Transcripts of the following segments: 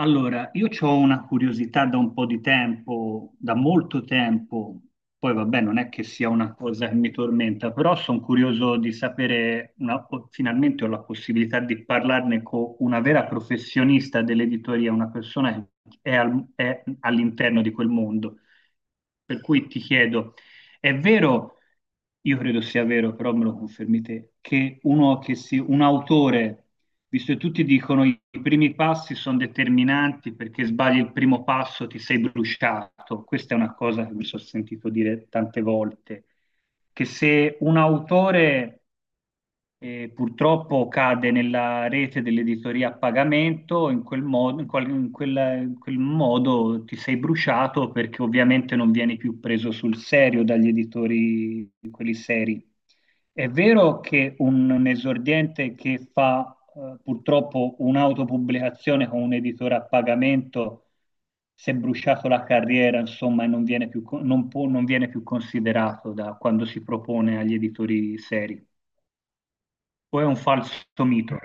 Allora, io ho una curiosità da un po' di tempo, da molto tempo, poi vabbè, non è che sia una cosa che mi tormenta, però sono curioso di sapere, finalmente ho la possibilità di parlarne con una vera professionista dell'editoria, una persona che è, è all'interno di quel mondo. Per cui ti chiedo, è vero, io credo sia vero, però me lo confermi te, che un autore visto che tutti dicono i primi passi sono determinanti perché sbagli il primo passo ti sei bruciato. Questa è una cosa che mi sono sentito dire tante volte, che se un autore e purtroppo cade nella rete dell'editoria a pagamento, in quel modo, in quel modo ti sei bruciato perché ovviamente non vieni più preso sul serio dagli editori, quelli seri. È vero che un esordiente che fa purtroppo un'autopubblicazione con un editore a pagamento si è bruciato la carriera, insomma, e non viene più, non viene più considerato da quando si propone agli editori seri o è un falso mito?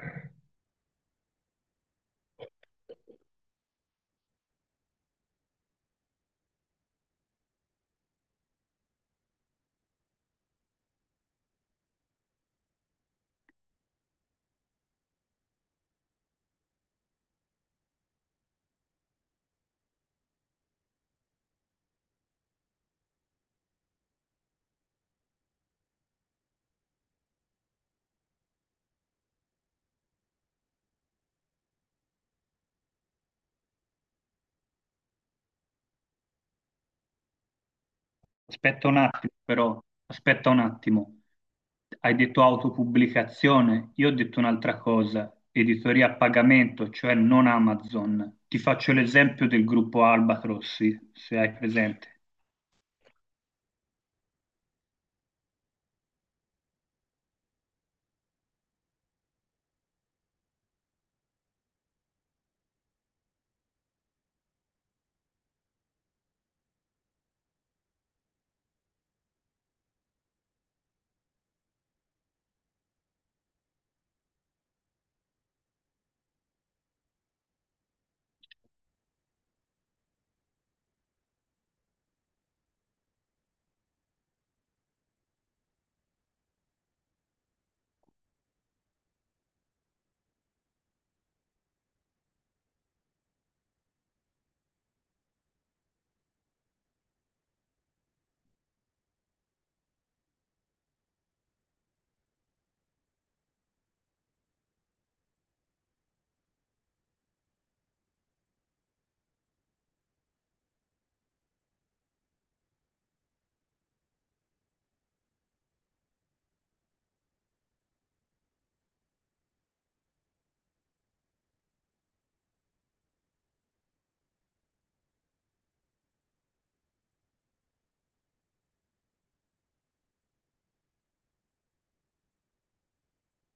Aspetta un attimo, però, aspetta un attimo. Hai detto autopubblicazione, io ho detto un'altra cosa, editoria a pagamento, cioè non Amazon. Ti faccio l'esempio del gruppo Albatrossi, se hai presente.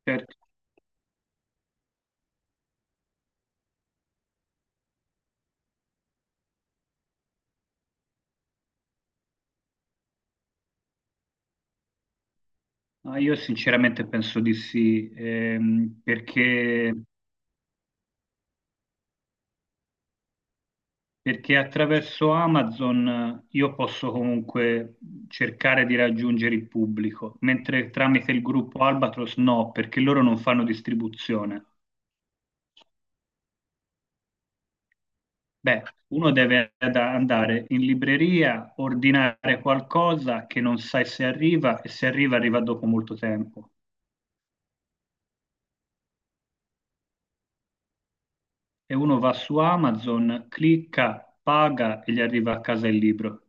Certo. Ma io sinceramente penso di sì, perché perché attraverso Amazon io posso comunque cercare di raggiungere il pubblico, mentre tramite il gruppo Albatros no, perché loro non fanno distribuzione. Beh, uno deve andare in libreria, ordinare qualcosa che non sai se arriva e se arriva arriva dopo molto tempo. E uno va su Amazon, clicca, paga e gli arriva a casa il libro.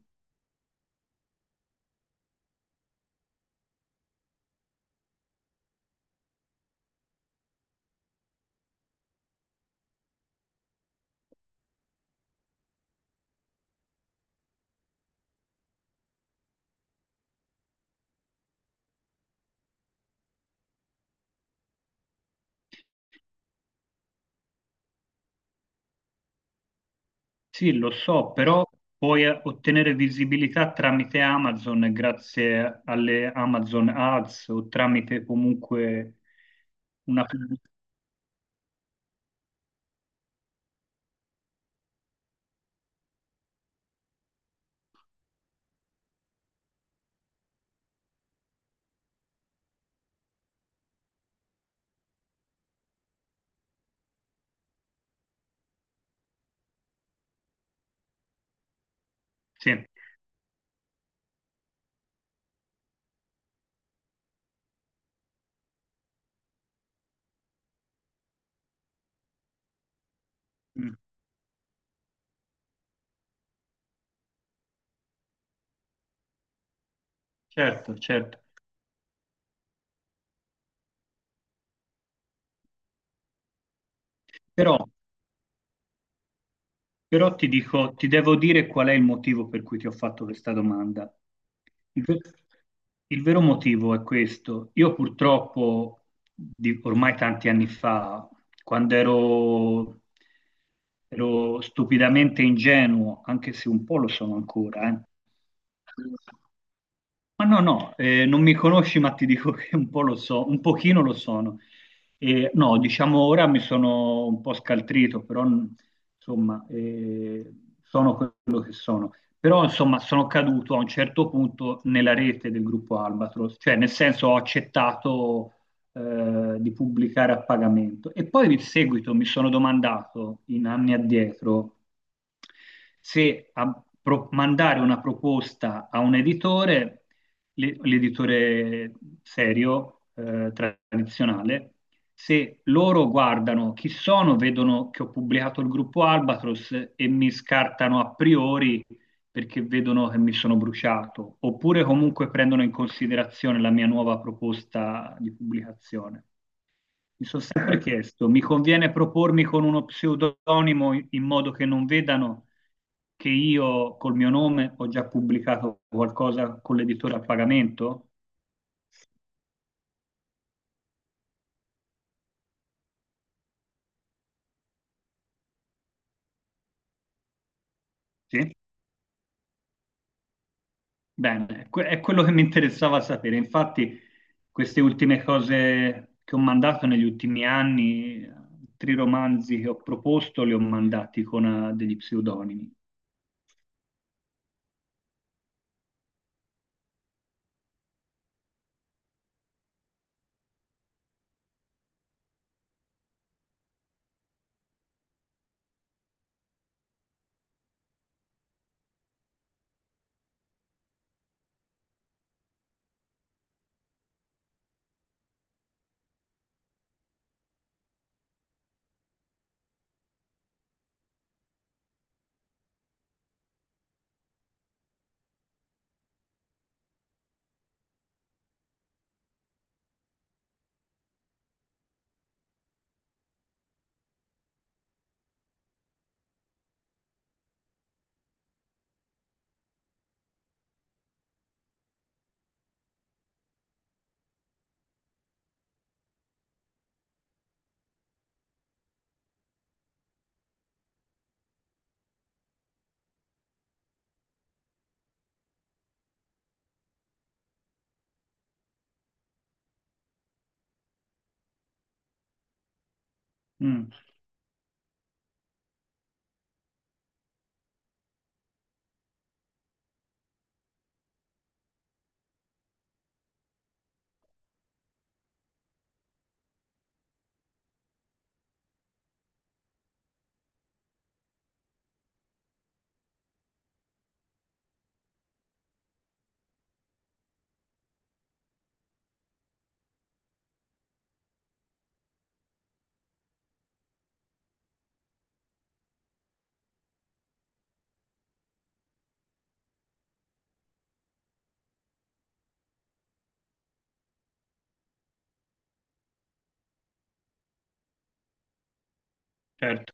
Sì, lo so, però puoi ottenere visibilità tramite Amazon, grazie alle Amazon Ads o tramite comunque una... Sì, mm, certo, certo. Però però ti dico, ti devo dire qual è il motivo per cui ti ho fatto questa domanda. Il, ver- il vero motivo è questo. Io purtroppo, ormai tanti anni fa, quando ero, ero stupidamente ingenuo, anche se un po' lo sono ancora, ma no, no, non mi conosci, ma ti dico che un po' lo so, un pochino lo sono. No, diciamo ora mi sono un po' scaltrito, però insomma, sono quello che sono. Però insomma, sono caduto a un certo punto nella rete del gruppo Albatros, cioè nel senso ho accettato di pubblicare a pagamento. E poi in seguito mi sono domandato, in anni addietro, se mandare una proposta a un editore l'editore serio, tradizionale, se loro guardano chi sono, vedono che ho pubblicato il gruppo Albatros e mi scartano a priori perché vedono che mi sono bruciato, oppure comunque prendono in considerazione la mia nuova proposta di pubblicazione. Mi sono sempre chiesto, mi conviene propormi con uno pseudonimo in modo che non vedano che io col mio nome ho già pubblicato qualcosa con l'editore a pagamento? Sì. Bene, è quello che mi interessava sapere. Infatti, queste ultime cose che ho mandato negli ultimi anni, tre romanzi che ho proposto, li ho mandati con degli pseudonimi. Mm, certo,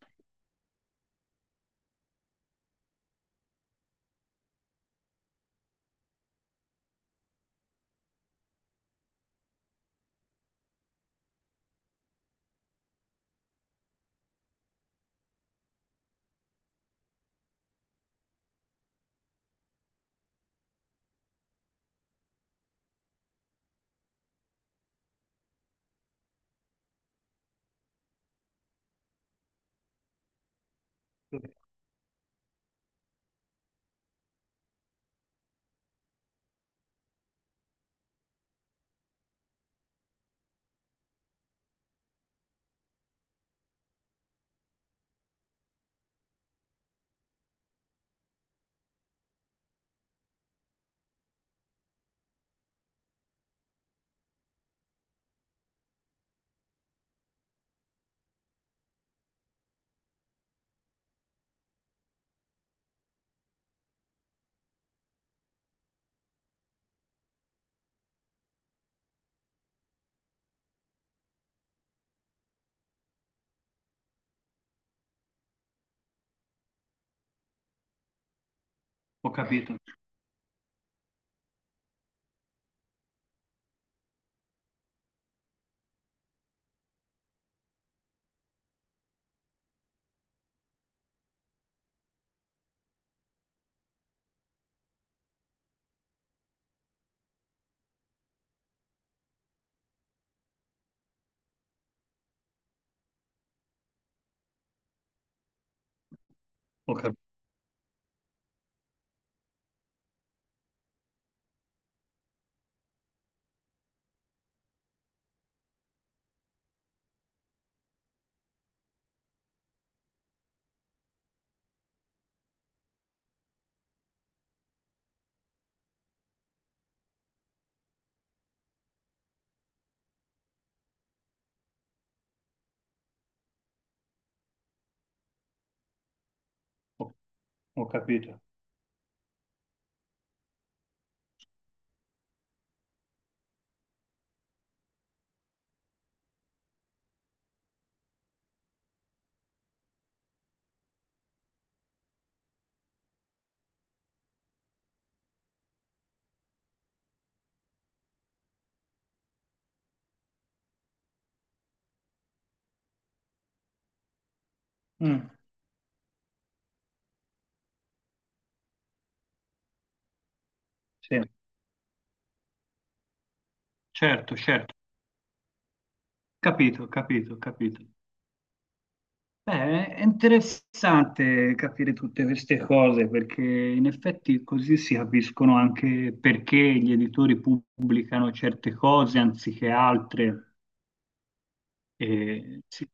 ho capito, ho cap- ho- ho capito. Mm, sì. Certo, certo, capito, capito, capito. Beh, è interessante capire tutte queste cose perché in effetti così si capiscono anche perché gli editori pubblicano certe cose anziché altre. E sì,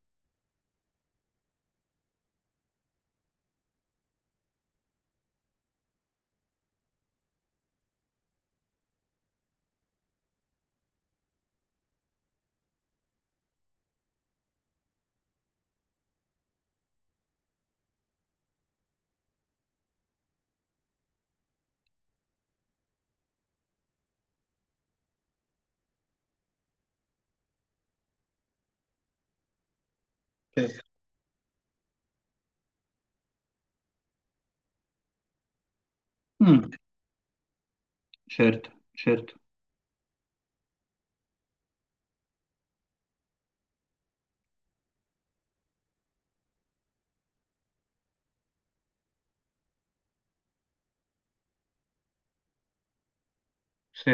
certo. Mm, certo, certo, sì.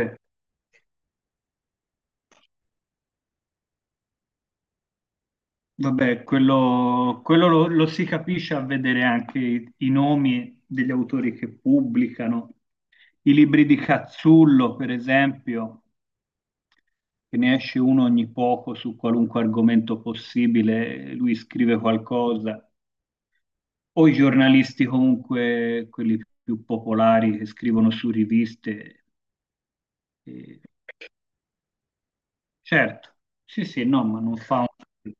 Vabbè, quello lo si capisce a vedere anche i nomi degli autori che pubblicano. I libri di Cazzullo, per esempio. Che ne esce uno ogni poco su qualunque argomento possibile, lui scrive qualcosa, o i giornalisti comunque, quelli più popolari che scrivono su riviste. eh, certo, sì, sì, no, ma non fa un...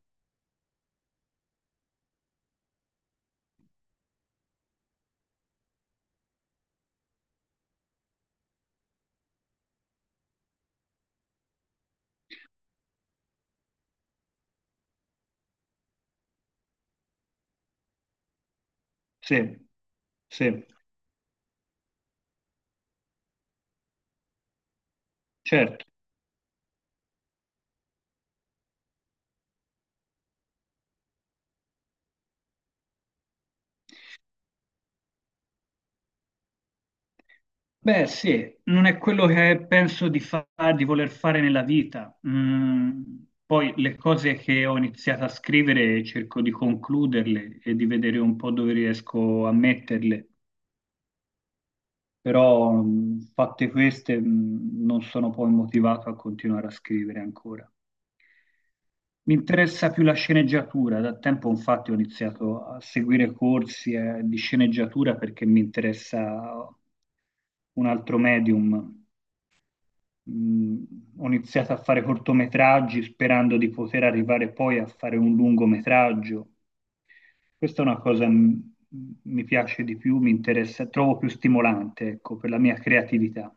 Sì, sì, certo. Beh, sì, non è quello che di voler fare nella vita. Mm, poi le cose che ho iniziato a scrivere cerco di concluderle e di vedere un po' dove riesco a metterle, però mm, fatte queste mm, non sono poi motivato a continuare a scrivere ancora. Mi interessa più la sceneggiatura, da tempo infatti ho iniziato a seguire corsi di sceneggiatura perché mi interessa un altro medium mh, ho iniziato a fare cortometraggi sperando di poter arrivare poi a fare un lungometraggio. Questa è una cosa che mi piace di più, mi interessa, trovo più stimolante, ecco, per la mia creatività.